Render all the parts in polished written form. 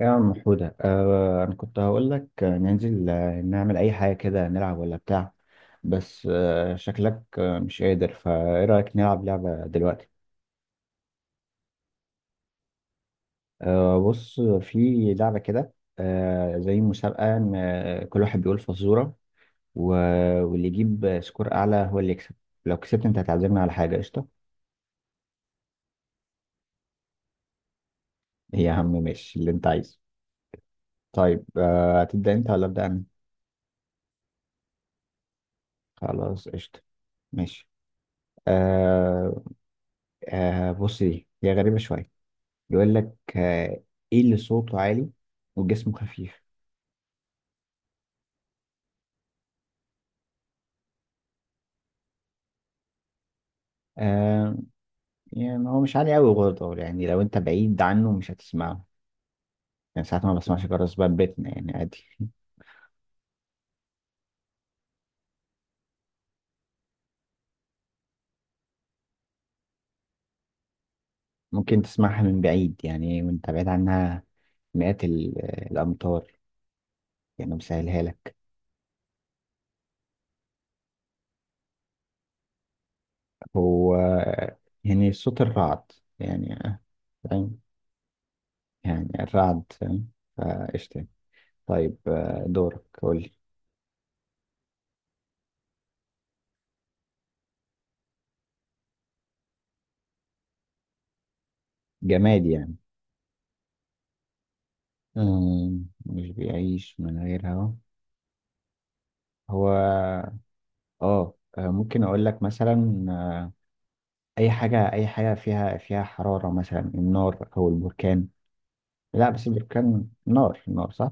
يا عم حودة، أنا كنت هقول لك، ننزل، نعمل أي حاجة كده، نلعب ولا بتاع. بس شكلك مش قادر، فإيه رأيك نلعب لعبة دلوقتي؟ بص، في لعبة كده. زي مسابقة إن، كل واحد بيقول فزورة. واللي يجيب سكور أعلى هو اللي يكسب. لو كسبت أنت هتعزمنا على حاجة، قشطة؟ إيه يا عم، ماشي اللي أنت عايزه. طيب، هتبدأ أنت ولا أبدأ أنا؟ خلاص، قشطة. ماشي. آه. بص، دي هي غريبة شوية. بيقول لك، آه، ايه اللي صوته عالي وجسمه خفيف؟ آه. يعني هو مش عالي قوي برضه، يعني لو انت بعيد عنه مش هتسمعه. يعني ساعات ما بسمعش جرس باب بيتنا، يعني عادي. ممكن تسمعها من بعيد، يعني وانت بعيد عنها. مئات الامتار. يعني مسهلها لك. هو، يعني صوت الرعد. يعني، فاهم؟ يعني الرعد، فاهم. فقشطة. طيب، دورك قول لي. جماد يعني. مش بيعيش من غير هوا. هو، ممكن اقول لك مثلا، اي حاجه فيها حراره، مثلا النار او البركان. لا، بس البركان نار، نار صح.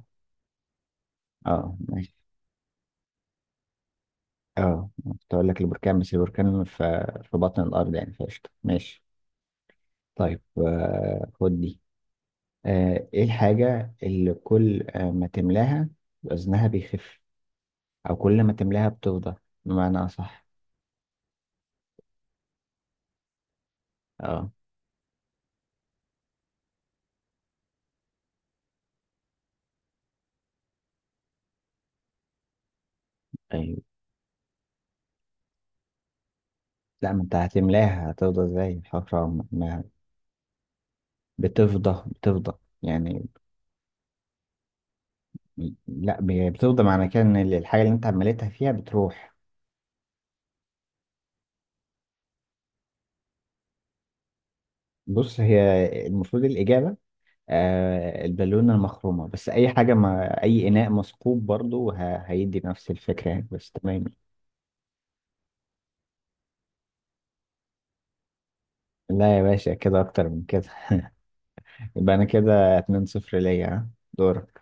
اه ماشي. اه، كنت اقول لك البركان، بس البركان في بطن الارض يعني، فقشطه ماشي. طيب، خد دي. ايه الحاجه اللي كل، ما تملاها وزنها بيخف، او كل ما تملاها بتفضى؟ بمعنى اصح. اه ايوه. لا، ما انت هتملاها هتفضى ازاي، حفرة ما؟ بتفضى، بتفضى يعني. لا، بتفضى معنى كده ان الحاجه اللي انت عملتها فيها بتروح. بص هي، المفروض الاجابه البالونه المخرومه. بس اي حاجه، ما اي اناء مثقوب برضو، هيدي نفس الفكره يعني. بس تمام. لا يا باشا، كده اكتر من كده. يبقى انا كده 2 صفر ليا، ها؟ دورك.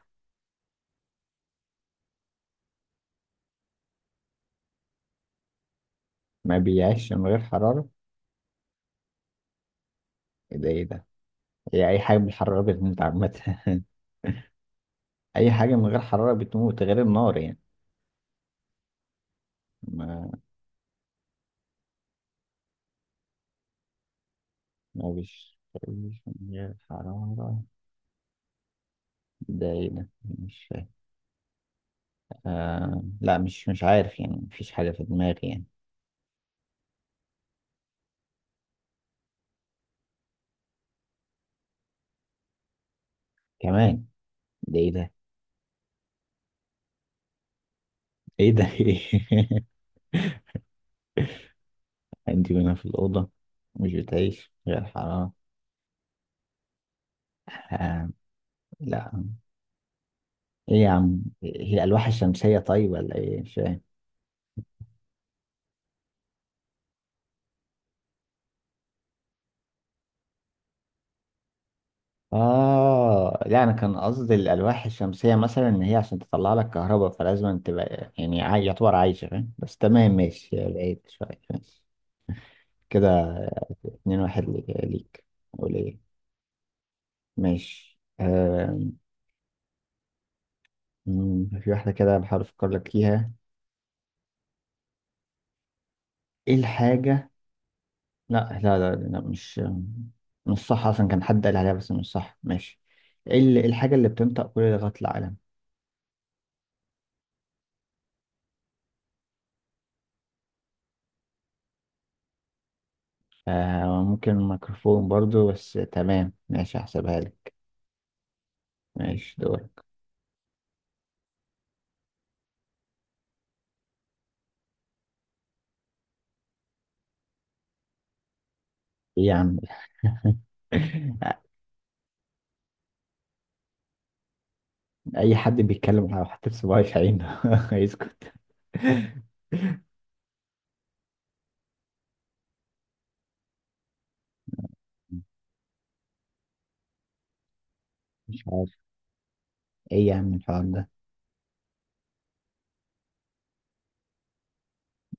ما بيعيش من غير حراره. ايه ده، ايه ده؟ هي اي حاجه بالحراره بتموت عامه. اي حاجه من غير حراره بتموت غير النار، يعني. مش مش من الحرارة؟ ده ايه ده، مش فاهم. لا، مش عارف، يعني مفيش حاجة في دماغي يعني. كمان؟ ده ايه ده، ايه ده. ايه، انت هنا في الأوضة مش بتعيش غير الحرارة. آه... لا. ايه يا عم، هي الألواح الشمسية؟ طيب ولا ايه، مش فاهم. اه لا، انا كان قصدي الالواح الشمسيه، مثلا ان هي عشان تطلع لك كهرباء فلازم تبقى يعني يعتبر عايشه، فاهم؟ بس تمام ماشي، بعيد شويه، ماشي. كده 2-1 ليك. أقول إيه؟ ماشي. آم، مم، في واحدة كده بحاول أفكر لك فيها. إيه الحاجة؟ لا لا لا، لا. مش، مش صح أصلا، كان حد قال عليها بس مش صح، ماشي. إيه الحاجة اللي بتنطق كل لغات العالم؟ ممكن ميكروفون برضو، بس تمام ماشي هحسبها لك. ماشي دورك. إيه يا عم؟ أي حد بيتكلم، لو حطيت صباعي في عينه هيسكت. مش عارف، إيه يا عم الحوار ده؟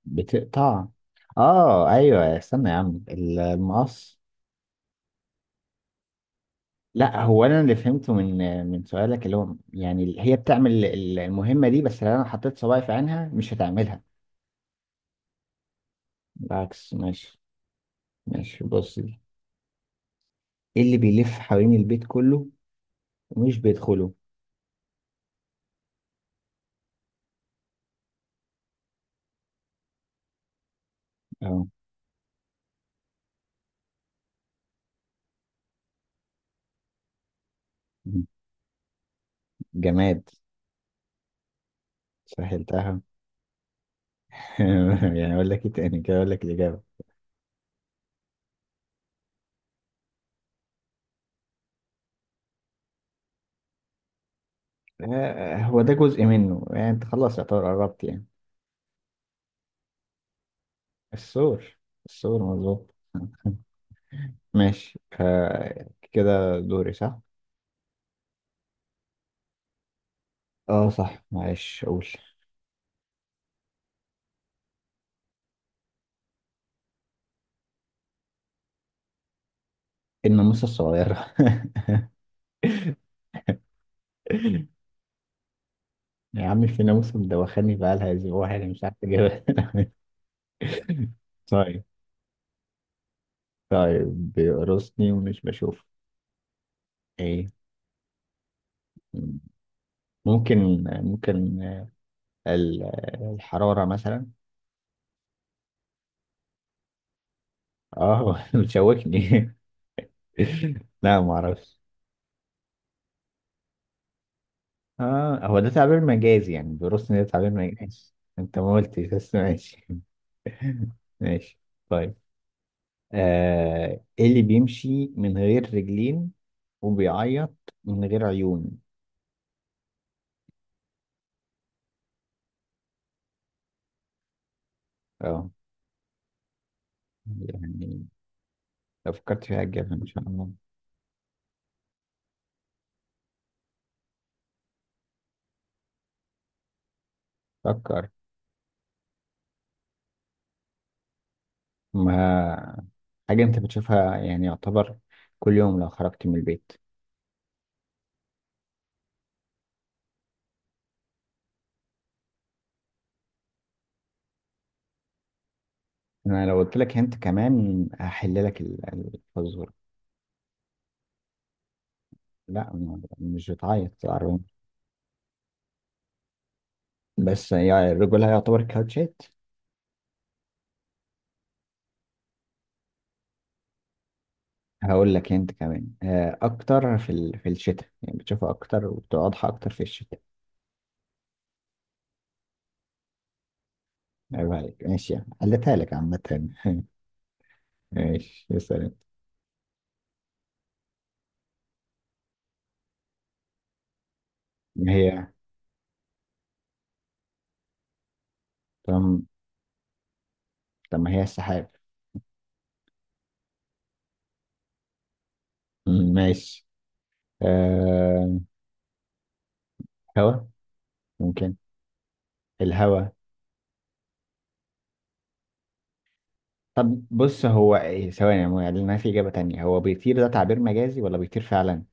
بتقطع. اه ايوه، استنى يا عم، المقص. لا، هو انا اللي فهمته من، سؤالك، اللي هو يعني هي بتعمل المهمه دي، بس لو انا حطيت صباعي في عينها مش هتعملها. بالعكس، ماشي. ماشي بص دي. ايه اللي بيلف حوالين البيت كله ومش بيدخله؟ اه، جماد، سهلتها. يعني اقول لك ايه تاني كده، اقول لك الاجابه. هو ده جزء منه يعني، انت خلاص يعتبر قربت يعني. السور. السور، مظبوط. ماشي. كده دوري، صح؟ اه صح، معلش اقول. الناموسة الصغيرة. يا عم في ناموسة مدوخاني بقالها اسبوع، انا مش عارف اجيبها. طيب. طيب بيقرصني ومش بشوف. ايه؟ ممكن، ال- الحرارة مثلا. اه بتشوكني. لا معرفش. اه، هو ده تعبير مجازي يعني، بيرص ان ده تعبير مجازي. انت ما قلتش بس ماشي. ماشي. طيب. ايه اللي بيمشي من غير رجلين وبيعيط من غير عيون؟ اه يعني، لو فكرت فيها هتجيبها ان شاء الله. فكر. ما حاجة انت بتشوفها يعني، يعتبر كل يوم لو خرجت من البيت. انا لو قلت لك انت كمان هحل لك الفزورة. لا، مش بتعيط العربية. بس يعني الرجولة هيعتبر كاوتشات. هقول لك انت كمان، اكتر في الشتاء، يعني بتشوفها اكتر وبتبقى واضحة اكتر في الشتاء. عيب عليك، ماشي، يعني قلتها لك عامة. ماشي يا سلام. ما هي، طب طب ما هي السحاب. ماشي. أه... هوا، ممكن، الهوا. طب بص هو إيه؟ ثواني، هو يعني ما في إجابة تانية؟ هو بيطير ده تعبير مجازي ولا بيطير فعلا؟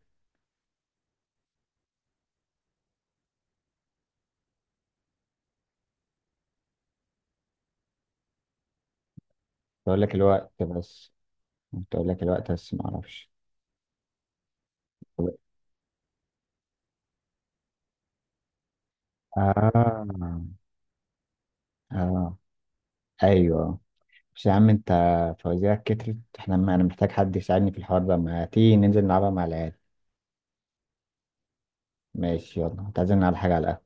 بقول لك الوقت بس. بقول لك الوقت بس ما اعرفش. آه. آه ايوه. بس يا عم انت فوازيرك كترت، احنا انا محتاج حد يساعدني في الحوار ده، ما تيجي ننزل نلعبها مع العيال؟ ماشي يلا، هتعزمنا على حاجه، على القهوة.